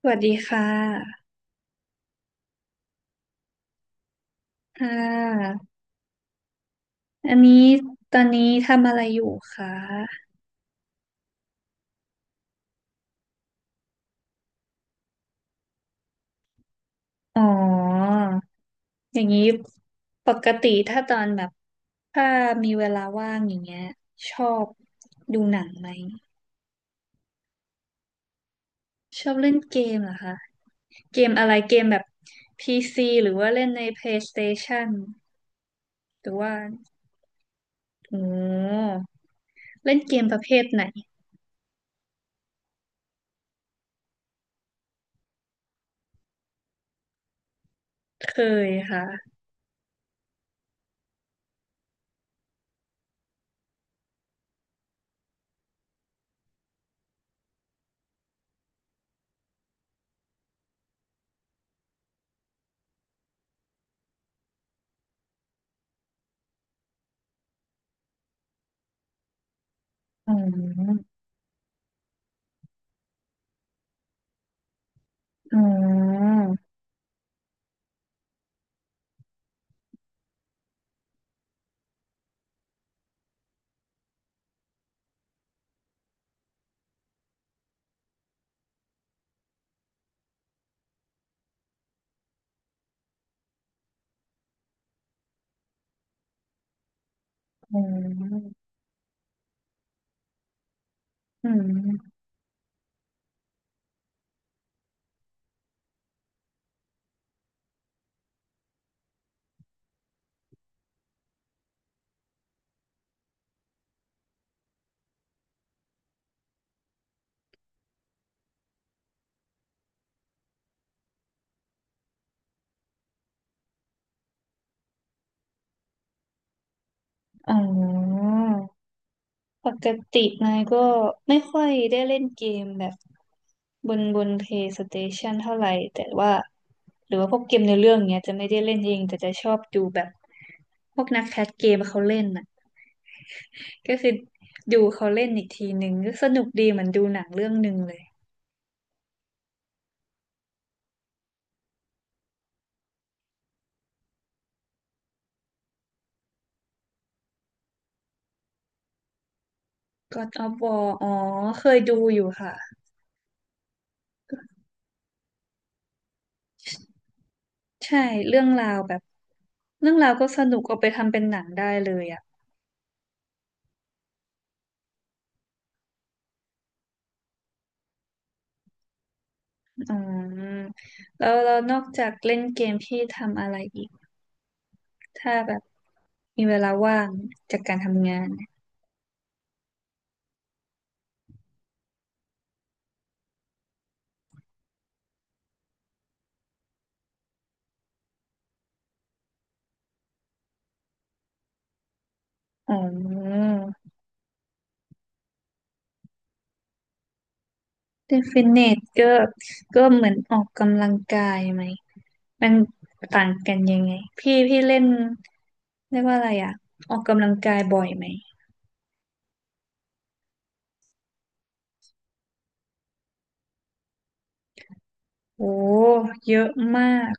สวัสดีค่ะค่ะ อันนี้ตอนนี้ทำอะไรอยู่คะ อ๋อ อย่างนี้ปกติถ้าตอนแบบถ้ามีเวลาว่างอย่างเงี้ยชอบดูหนังไหม ชอบเล่นเกมเหรอคะ เกมอะไรเกมแบบ PC หรือว่าเล่นใน PlayStation หรือว่าโอ้เล่นเกมประเภทไหนเคยค่ะอ๋ออ๋ออ๋ออืม อ๋อปกตินายก็ไม่ค่อยได้เล่นเกมแบบบน PlayStation เท่าไหร่แต่ว่าหรือว่าพวกเกมในเรื่องเนี้ยจะไม่ได้เล่นเองแต่จะชอบดูแบบพวกนักแคสเกมเขาเล่นน่ะก็คือดูเขาเล่นอีกทีหนึ่งก็สนุกดีเหมือนดูหนังเรื่องหนึ่งเลย God of War อ๋อเคยดูอยู่ค่ะใช่เรื่องราวแบบเรื่องราวก็สนุกเอาไปทำเป็นหนังได้เลยอ่ะ อ๋อแล้วเรานอกจากเล่นเกมพี่ทำอะไรอีกถ้าแบบมีเวลาว่างจากการทำงานอ๋อเล่นฟิตเนสก็ก็เหมือนออกกำลังกายไหมมันต่างกันยังไงพี่เล่นเรียกว่าอะไรอ่ะออกกำลังกายบ่อยไหมโอ้เยอะมาก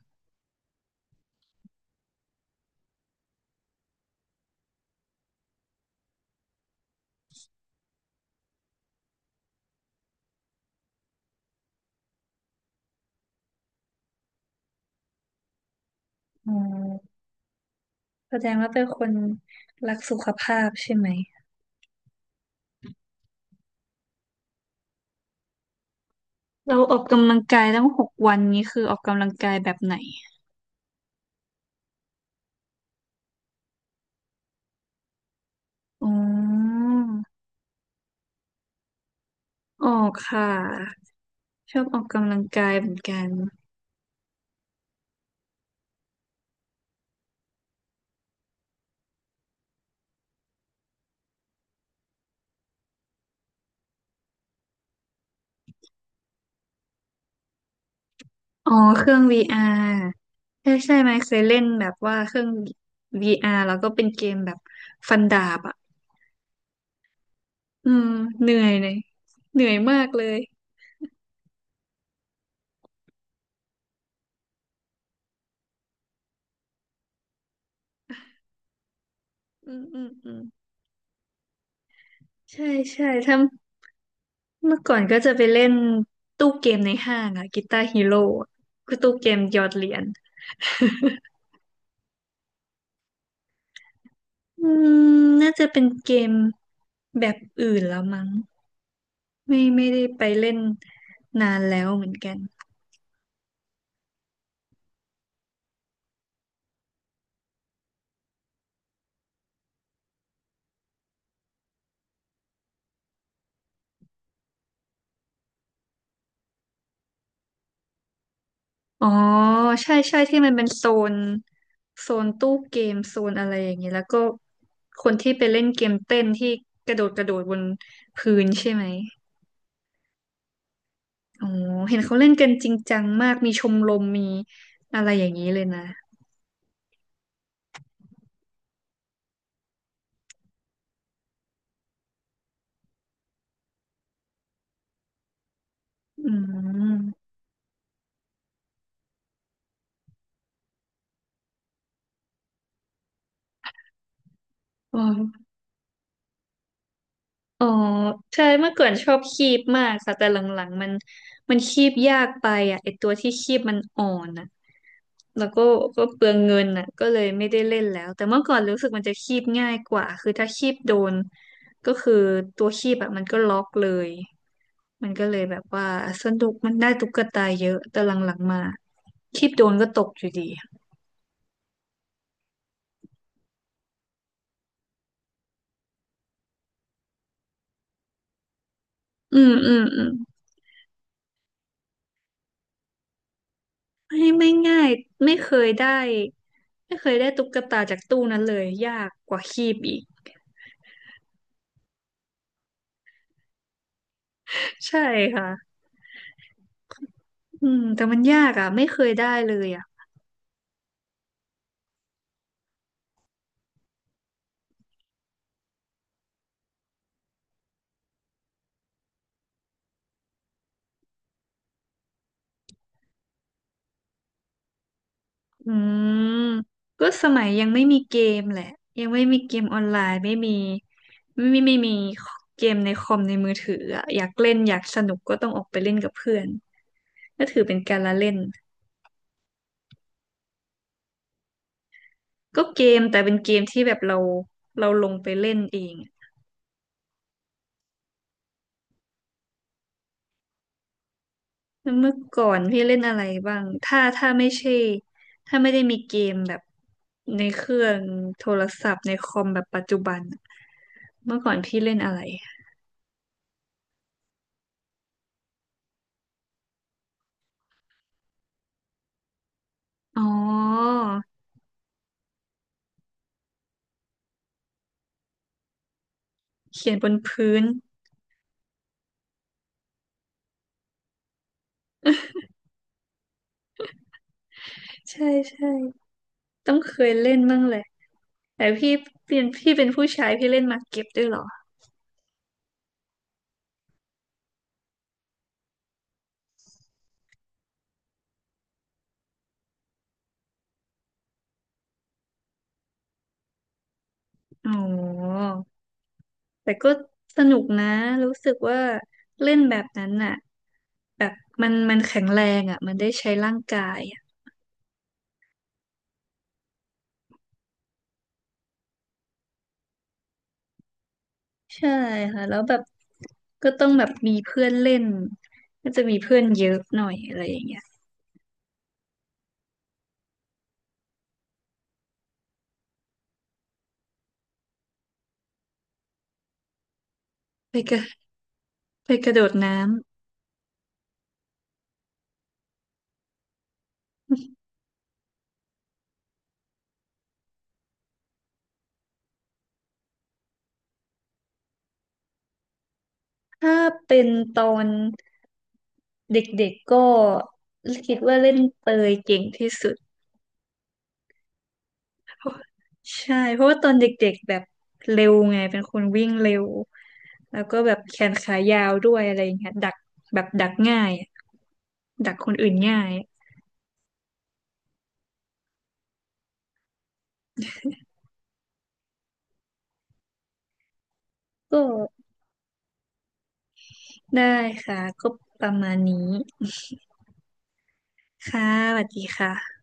อ๋อแสดงว่าเป็นคนรักสุขภาพใช่ไหมเราออกกำลังกายตั้งหกวันนี้คือออกกำลังกายแบบไหนอ๋อ ออกค่ะชอบออกกำลังกายเหมือนกันอ๋อเครื่อง VR ใช่ใช่ไหมเคยเล่นแบบว่าเครื่อง VR แล้วก็เป็นเกมแบบฟันดาบอ่ะอืมเหนื่อยเลยเหนื่อยมากเลยอืมอืมอืมใช่ใช่ถ้าเมื่อก่อนก็จะไปเล่นตู้เกมในห้างอ่ะกีตาร์ฮีโร่คือตู้เกมหยอดเหรียญ อืมน่าจะเป็นเกมแบบอื่นแล้วมั้ง ไม่ไม่ได้ไปเล่นนานแล้วเหมือนกันอ๋อใช่ใช่ที่มันเป็นนโซนตู้เกมโซนอะไรอย่างนี้แล้วก็คนที่ไปเล่นเกมเต้นที่กระโดดกระโดดบนพื้นใช่ไหมอ๋อเห็นเขาเล่นกันจริงจังมากมีชมรมมีอะไรอย่างนี้เลยนะอืมอ๋ออ๋อใช่เมื่อก่อนชอบคีบมากค่ะแต่หลังๆมันมันคีบยากไปอ่ะไอตัวที่คีบมันอ่อนอะ แล้วก็ก็เปลืองเงินน่ะก็เลยไม่ได้เล่นแล้วแต่เมื่อก่อนรู้สึกมันจะคีบง่ายกว่าคือถ้าคีบโดนก็คือตัวคีบอะมันก็ล็อกเลยมันก็เลยแบบว่าสนุกมันได้ตุ๊กตาเยอะแต่หลังๆมาคีบโดนก็ตกอยู่ดีอืมอืมอืมไม่ง่ายไม่เคยได้ไม่เคยได้ตุ๊กตาจากตู้นั้นเลยยากกว่าคีบอีก ใช่ค่ะอืมแต่มันยากอ่ะไม่เคยได้เลยอ่ะ อืมก็สมัยยังไม่มีเกมแหละยังไม่มีเกมออนไลน์ไม่มีเกมในคอมในมือถืออะอยากเล่นอยากสนุกก็ต้องออกไปเล่นกับเพื่อนก็ถือเป็นการละเล่นก็เกมแต่เป็นเกมที่แบบเราเราลงไปเล่นเองแล้วเมื่อก่อนพี่เล่นอะไรบ้างถ้าไม่ใช่ไม่ได้มีเกมแบบในเครื่องโทรศัพท์ในคอมแบบปัจจุบันอะเมื่อก่อนพี่เล่นอะไรอ๋อเขียนบนพื้น ใช่ใช่ต้องเคยเล่นบ้างแหละแต่พี่เป็นผู้ชายพี่เล่นหมากเก็บด้วยเหรออ๋อแต่ก็สนุกนะรู้สึกว่าเล่นแบบนั้นน่ะแบบมันมันแข็งแรงอ่ะมันได้ใช้ร่างกายอะใช่ค่ะแล้วแบบก็ต้องแบบมีเพื่อนเล่นก็จะมีเพื่อนเยอะหน่อยอะไรอย่างเงี้ยไปกระไปกระโดดน้ำถ้าเป็นตอนเด็กๆก็คิดว่าเล่นเปยเก่งที่สุด เพราะใช่เพราะว่าตอนเด็กๆแบบเร็วไงเป็นคนวิ่งเร็วแล้วก็แบบแขนขายาวด้วยอะไรอย่างเงี้ยดักแบบดักง่ายอะดักคนอื่นง่ายก็ได้ค่ะก็ประมาณนี้ค่ะสวัสดีค่ะ